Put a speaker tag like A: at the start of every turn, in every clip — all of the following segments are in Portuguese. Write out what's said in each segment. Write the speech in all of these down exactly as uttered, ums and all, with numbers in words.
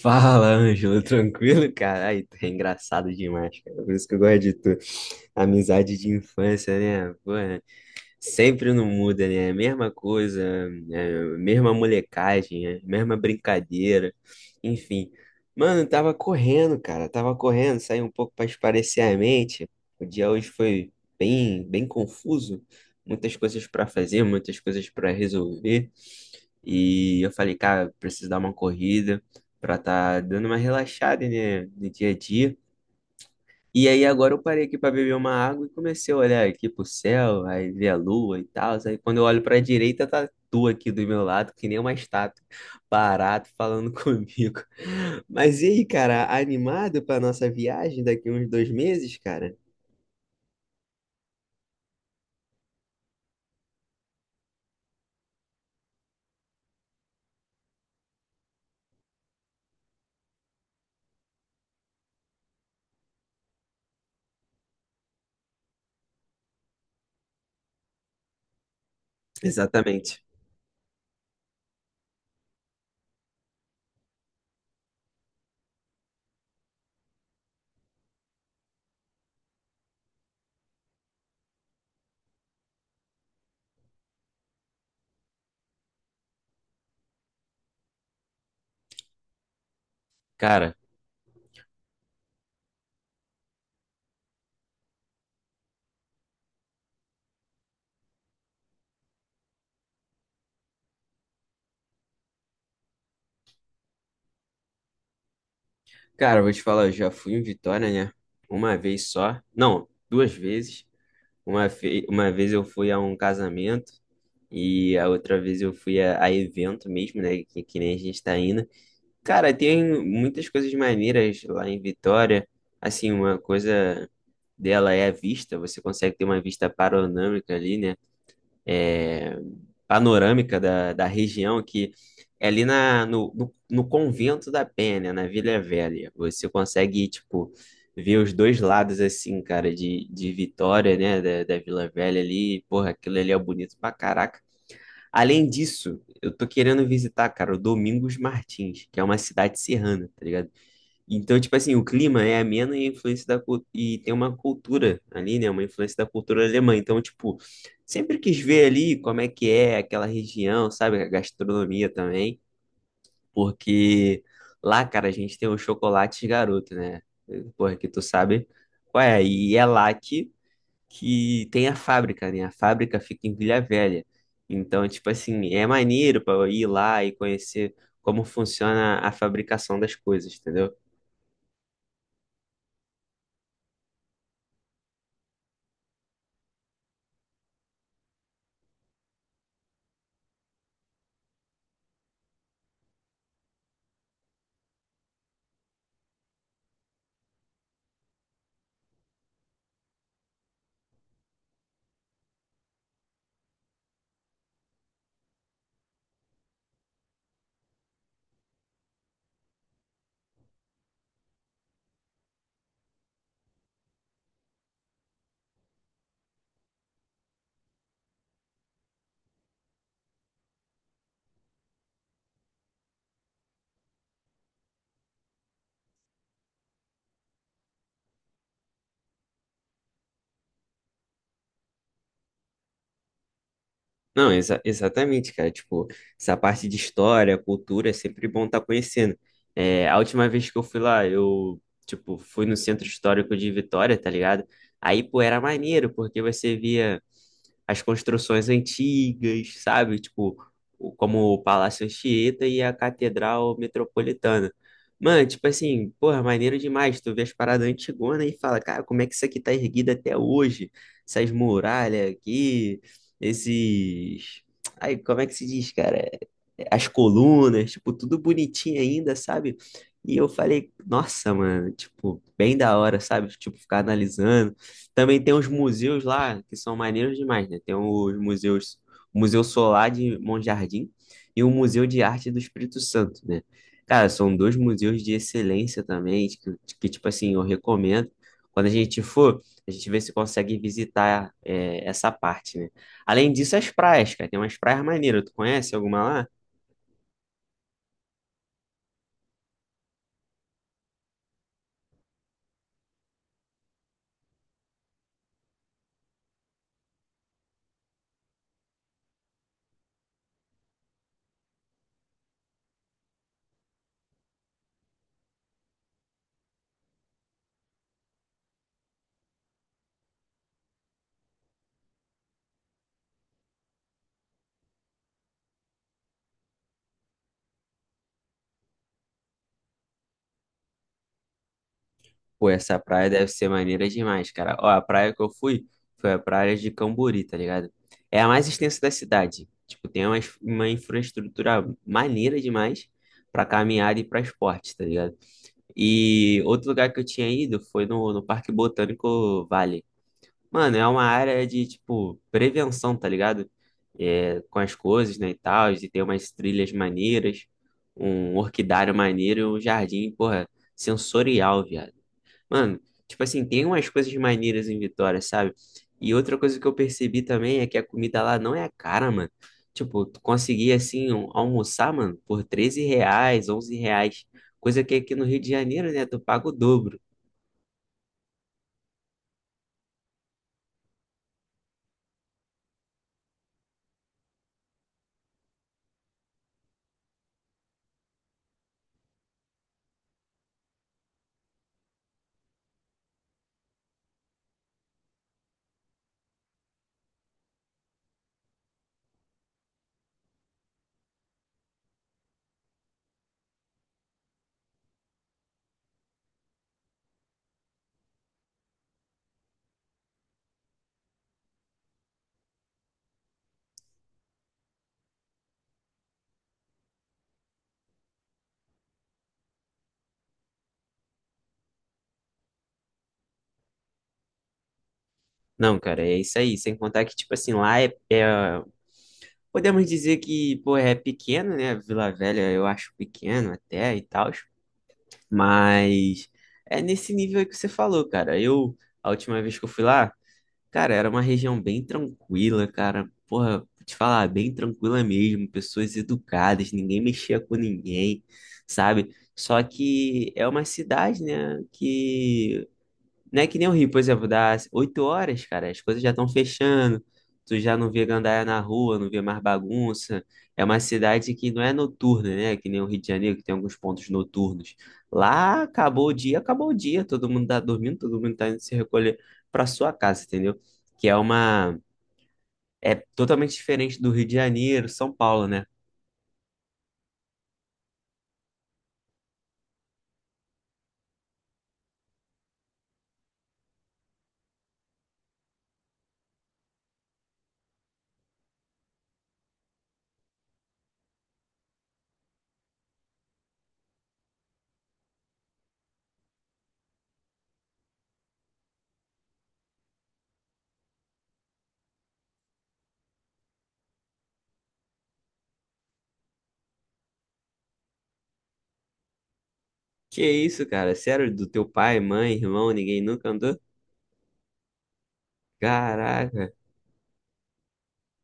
A: Fala, Ângelo, tranquilo, cara? Ai, tu é engraçado demais, cara. Por isso que eu gosto de tu. Amizade de infância, né? Pô, é, sempre não muda, né? Mesma coisa, é, mesma molecagem, é, mesma brincadeira, enfim. Mano, tava correndo, cara. Tava correndo, saí um pouco pra espairecer a mente. O dia hoje foi bem, bem confuso. Muitas coisas pra fazer, muitas coisas pra resolver. E eu falei, cara, preciso dar uma corrida pra tá dando uma relaxada, né, no dia a dia. E aí agora eu parei aqui pra beber uma água e comecei a olhar aqui pro céu, aí ver a lua e tal. Aí quando eu olho pra direita, tá tu aqui do meu lado, que nem uma estátua, parado falando comigo. Mas e aí, cara, animado pra nossa viagem daqui uns dois meses, cara? Exatamente. Cara, cara, eu vou te falar, eu já fui em Vitória, né? Uma vez só. Não, duas vezes. Uma, fe- uma vez eu fui a um casamento e a outra vez eu fui a, a evento mesmo, né? Que, que nem a gente tá indo. Cara, tem muitas coisas maneiras lá em Vitória. Assim, uma coisa dela é a vista. Você consegue ter uma vista panorâmica ali, né? É, panorâmica da, da região, que é ali na, no, no, no Convento da Penha, na Vila Velha. Você consegue, tipo, ver os dois lados, assim, cara, de, de Vitória, né, da, da Vila Velha ali. Porra, aquilo ali é bonito pra caraca. Além disso, eu tô querendo visitar, cara, o Domingos Martins, que é uma cidade serrana, tá ligado? Então, tipo assim, o clima é ameno e a influência da cul- e tem uma cultura ali, né? Uma influência da cultura alemã. Então, tipo, sempre quis ver ali como é que é aquela região, sabe? A gastronomia também, porque lá, cara, a gente tem o chocolate garoto, né? Porra, que tu sabe qual é? E é lá que, que tem a fábrica, né? A fábrica fica em Vila Velha. Então, tipo assim, é maneiro para ir lá e conhecer como funciona a fabricação das coisas, entendeu? Não, exa- exatamente, cara. Tipo, essa parte de história, cultura, é sempre bom estar conhecendo. É, a última vez que eu fui lá, eu, tipo, fui no Centro Histórico de Vitória, tá ligado? Aí, pô, era maneiro, porque você via as construções antigas, sabe? Tipo, o- como o Palácio Anchieta e a Catedral Metropolitana. Mano, tipo assim, porra, maneiro demais. Tu vê as paradas antigonas e fala, cara, como é que isso aqui tá erguido até hoje? Essas muralhas aqui, esses. Aí, como é que se diz, cara? As colunas, tipo, tudo bonitinho ainda, sabe? E eu falei, nossa, mano, tipo, bem da hora, sabe? Tipo, ficar analisando. Também tem os museus lá que são maneiros demais, né? Tem os museus, o Museu Solar de Monjardim e o Museu de Arte do Espírito Santo, né? Cara, são dois museus de excelência também, de que, que, tipo assim, eu recomendo. Quando a gente for, a gente vê se consegue visitar é, essa parte, né? Além disso, as praias, cara, tem umas praias maneiras. Tu conhece alguma lá? Pô, essa praia deve ser maneira demais, cara. Ó, a praia que eu fui foi a praia de Cambori, tá ligado? É a mais extensa da cidade. Tipo, tem uma, uma infraestrutura maneira demais pra caminhada e pra esporte, tá ligado? E outro lugar que eu tinha ido foi no, no Parque Botânico Vale. Mano, é uma área de, tipo, prevenção, tá ligado? É, com as coisas, né, e tal. E tem umas trilhas maneiras, um orquidário maneiro e um jardim, porra, sensorial, viado. Mano, tipo assim, tem umas coisas maneiras em Vitória, sabe? E outra coisa que eu percebi também é que a comida lá não é cara, mano. Tipo, tu conseguia assim um- almoçar, mano, por treze reais, onze reais. Coisa que aqui no Rio de Janeiro, né, tu paga o dobro. Não, cara, é isso aí. Sem contar que, tipo assim, lá é, é- Podemos dizer que, pô, é pequeno, né? Vila Velha eu acho pequeno até e tal. Mas é nesse nível aí que você falou, cara. Eu, a última vez que eu fui lá. Cara, era uma região bem tranquila, cara. Porra, vou te falar, bem tranquila mesmo. Pessoas educadas, ninguém mexia com ninguém, sabe? Só que é uma cidade, né? Que não é que nem o Rio, por exemplo, das oito horas, cara, as coisas já estão fechando, tu já não vê gandaia na rua, não vê mais bagunça. É uma cidade que não é noturna, né? Que nem o Rio de Janeiro, que tem alguns pontos noturnos. Lá acabou o dia, acabou o dia, todo mundo tá dormindo, todo mundo tá indo se recolher pra sua casa, entendeu? Que é uma. É totalmente diferente do Rio de Janeiro, São Paulo, né? Que isso, cara? Sério, do teu pai, mãe, irmão, ninguém nunca andou? Caraca.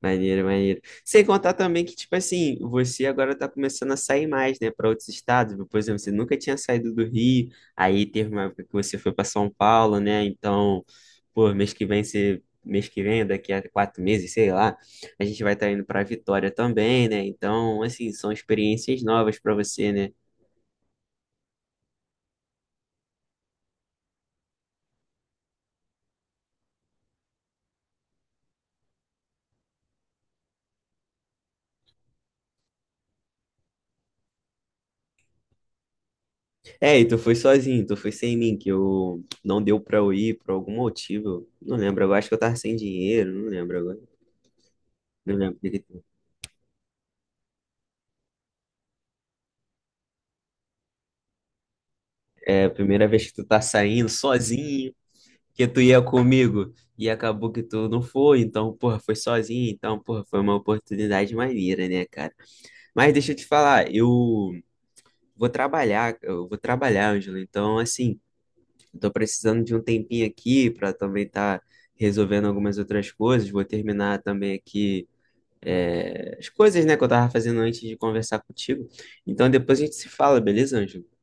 A: Maneiro, maneiro. Sem contar também que, tipo assim, você agora tá começando a sair mais, né, para outros estados. Por exemplo, você nunca tinha saído do Rio, aí teve uma época que você foi para São Paulo, né? Então, pô, mês que vem você. Mês que vem, daqui a quatro meses, sei lá, a gente vai estar indo para Vitória também, né? Então, assim, são experiências novas para você, né? É, e tu foi sozinho, tu foi sem mim, que eu não deu para eu ir por algum motivo. Não lembro, eu acho que eu tava sem dinheiro, não lembro agora. Não lembro. A primeira vez que tu tá saindo sozinho, que tu ia comigo e acabou que tu não foi, então, porra, foi sozinho, então, porra, foi uma oportunidade maneira, né, cara? Mas deixa eu te falar, eu vou trabalhar, eu vou trabalhar, Ângelo, então, assim, eu tô precisando de um tempinho aqui pra também tá resolvendo algumas outras coisas, vou terminar também aqui. É, as coisas, né, que eu tava fazendo antes de conversar contigo. Então, depois a gente se fala, beleza, Ângelo?